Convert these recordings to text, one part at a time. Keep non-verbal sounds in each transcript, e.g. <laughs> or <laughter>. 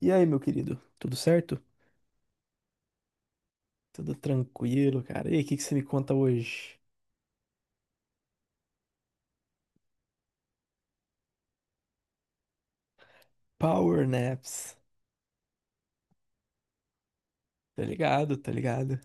E aí, meu querido, tudo certo? Tudo tranquilo, cara. E aí, o que que você me conta hoje? Power naps. Tá ligado, tá ligado?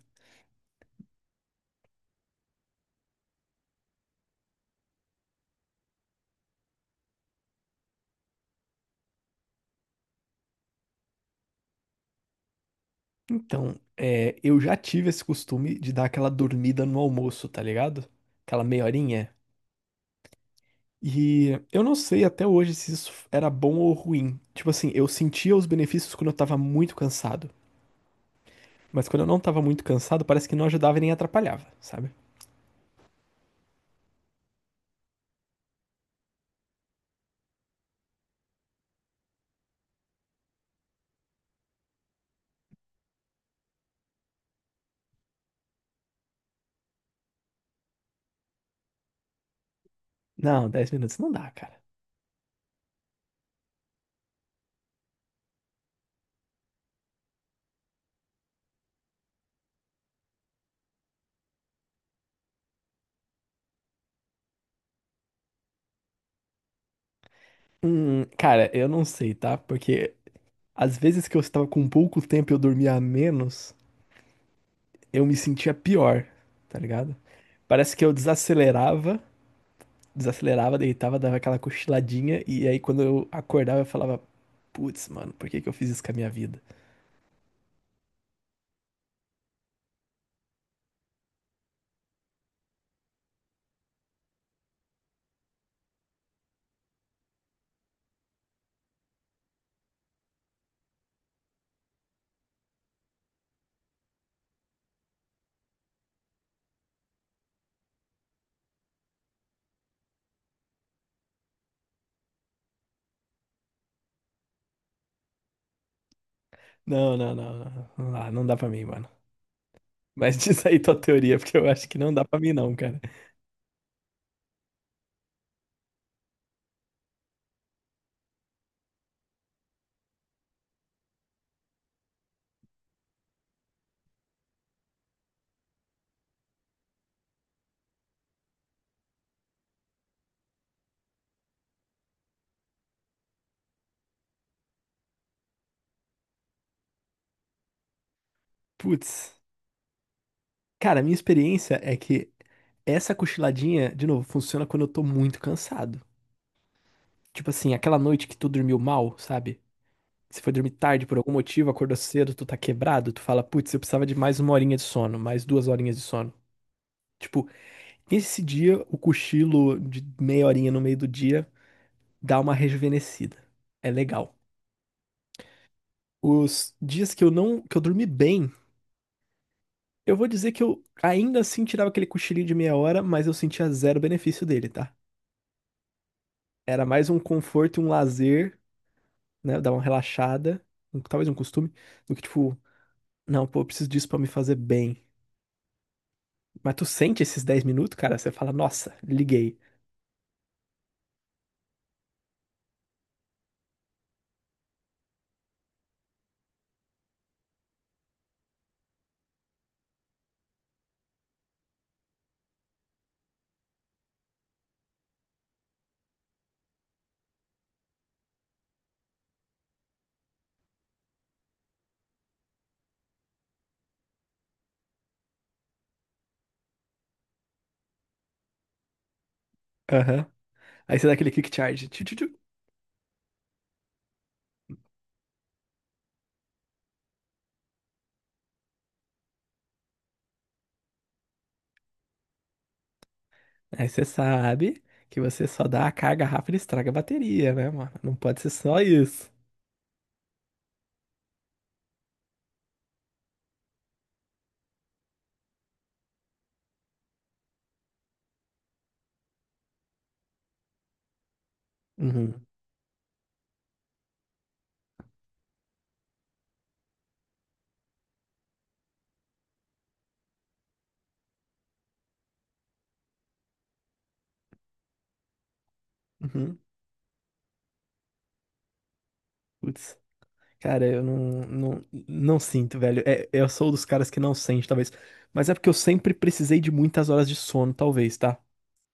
Então, eu já tive esse costume de dar aquela dormida no almoço, tá ligado? Aquela meia horinha. E eu não sei até hoje se isso era bom ou ruim. Tipo assim, eu sentia os benefícios quando eu tava muito cansado. Mas quando eu não tava muito cansado, parece que não ajudava e nem atrapalhava, sabe? Não, 10 minutos não dá, cara. Cara, eu não sei, tá? Porque às vezes que eu estava com pouco tempo e eu dormia menos, eu me sentia pior, tá ligado? Parece que eu desacelerava, desacelerava, deitava, dava aquela cochiladinha, e aí quando eu acordava eu falava, putz, mano, por que que eu fiz isso com a minha vida? Não, não, não, não, não dá, não dá pra mim, mano. Mas <laughs> diz aí tua teoria, porque eu acho que não dá pra mim não, cara. Putz, cara, a minha experiência é que essa cochiladinha, de novo, funciona quando eu tô muito cansado. Tipo assim, aquela noite que tu dormiu mal, sabe? Você foi dormir tarde por algum motivo, acordou cedo, tu tá quebrado, tu fala, putz, eu precisava de mais uma horinha de sono, mais duas horinhas de sono. Tipo, nesse dia, o cochilo de meia horinha no meio do dia dá uma rejuvenescida. É legal. Os dias que eu não, que eu dormi bem, eu vou dizer que eu ainda assim tirava aquele cochilinho de meia hora, mas eu sentia zero benefício dele, tá? Era mais um conforto e um lazer, né? Dar uma relaxada, talvez um costume, do que tipo, não, pô, eu preciso disso pra me fazer bem. Mas tu sente esses 10 minutos, cara, você fala, nossa, liguei. Aham. Aí você dá aquele quick charge. Tchu, tchu, tchu. Aí você sabe que você só dá a carga rápida e estraga a bateria, né, mano? Não pode ser só isso. Uhum. Uhum. Putz. Cara, eu não sinto, velho. É, eu sou dos caras que não sente, talvez. Mas é porque eu sempre precisei de muitas horas de sono, talvez, tá?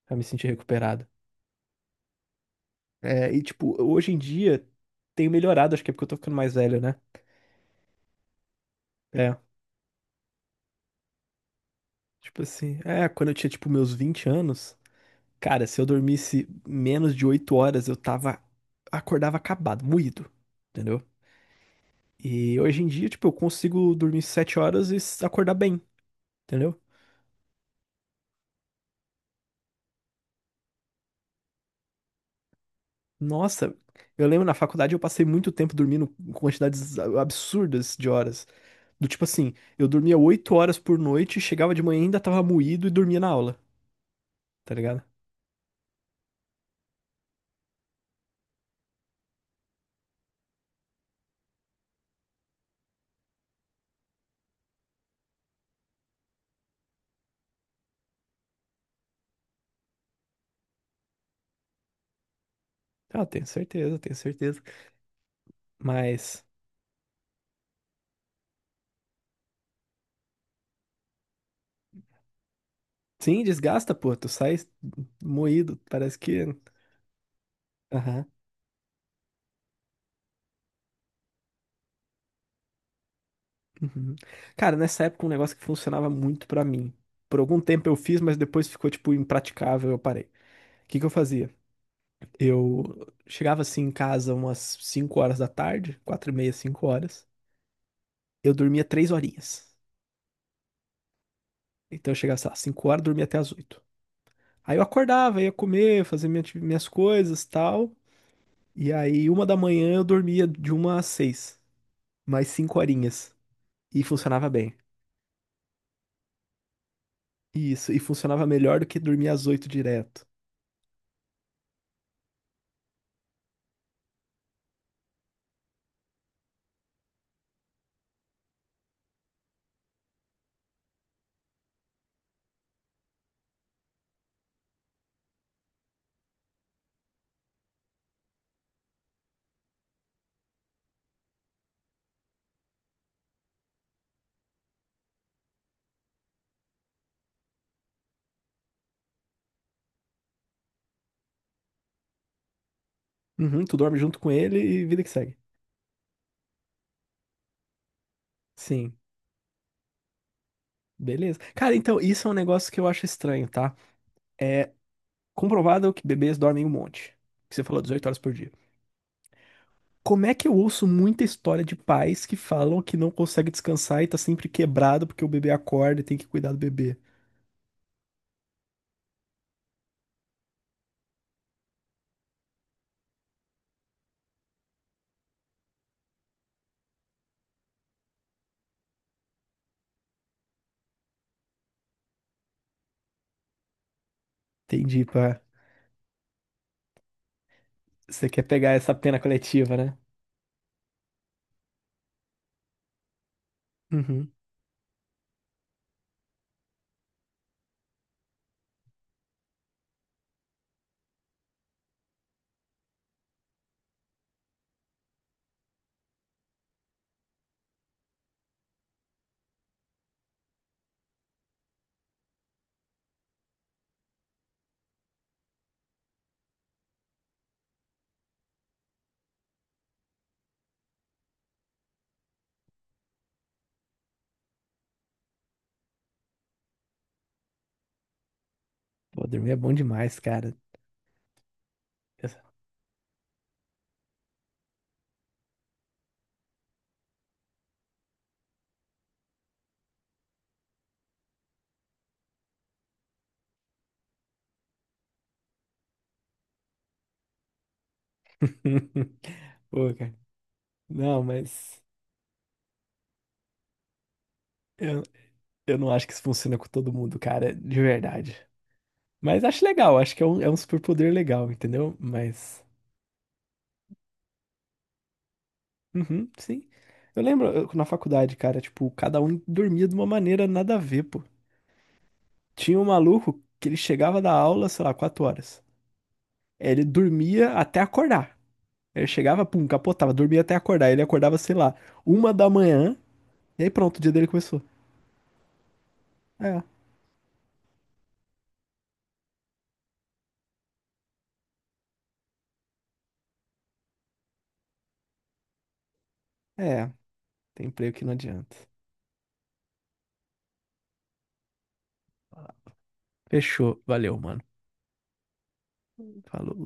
Pra me sentir recuperado. E tipo, hoje em dia tenho melhorado, acho que é porque eu tô ficando mais velho, né? É. Tipo assim, quando eu tinha, tipo, meus 20 anos. Cara, se eu dormisse menos de 8 horas, eu tava, acordava acabado, moído, entendeu? E hoje em dia, tipo, eu consigo dormir 7 horas e acordar bem, entendeu? Nossa, eu lembro na faculdade eu passei muito tempo dormindo com quantidades absurdas de horas. Do tipo assim, eu dormia 8 horas por noite, chegava de manhã e ainda tava moído e dormia na aula, tá ligado? Ah, tenho certeza, tenho certeza. Mas, sim, desgasta, pô, tu sai moído, parece que. Aham. Uhum. Cara, nessa época um negócio que funcionava muito pra mim. Por algum tempo eu fiz, mas depois ficou tipo impraticável, eu parei. O que que eu fazia? Eu chegava assim em casa umas 5 horas da tarde, 4 e meia, 5 horas. Eu dormia 3 horinhas. Então eu chegava, sei lá, 5 horas, dormia até as 8. Aí eu acordava, ia comer, fazer minhas coisas, tal. E aí uma da manhã eu dormia de uma às 6, mais 5 horinhas. E funcionava bem. Isso, e funcionava melhor do que dormir às 8 direto. Uhum, tu dorme junto com ele e vida que segue. Sim, beleza. Cara, então, isso é um negócio que eu acho estranho, tá? É comprovado que bebês dormem um monte. Que você falou 18 horas por dia. Como é que eu ouço muita história de pais que falam que não consegue descansar e tá sempre quebrado porque o bebê acorda e tem que cuidar do bebê? Entendi, pá. Você quer pegar essa pena coletiva, né? Uhum. Pô, dormir é bom demais, cara. Essa- <laughs> Pô, cara. Não, mas eu, eu não acho que isso funciona com todo mundo, cara, de verdade. Mas acho legal, acho que é um superpoder legal, entendeu? Mas. Uhum, sim. Eu lembro na faculdade, cara, tipo, cada um dormia de uma maneira nada a ver, pô. Tinha um maluco que ele chegava da aula, sei lá, 4 horas. Ele dormia até acordar. Ele chegava, pum, capotava, dormia até acordar. Ele acordava, sei lá, uma da manhã, e aí pronto, o dia dele começou. É, é, tem emprego que não adianta. Fechou, valeu, mano. Falou.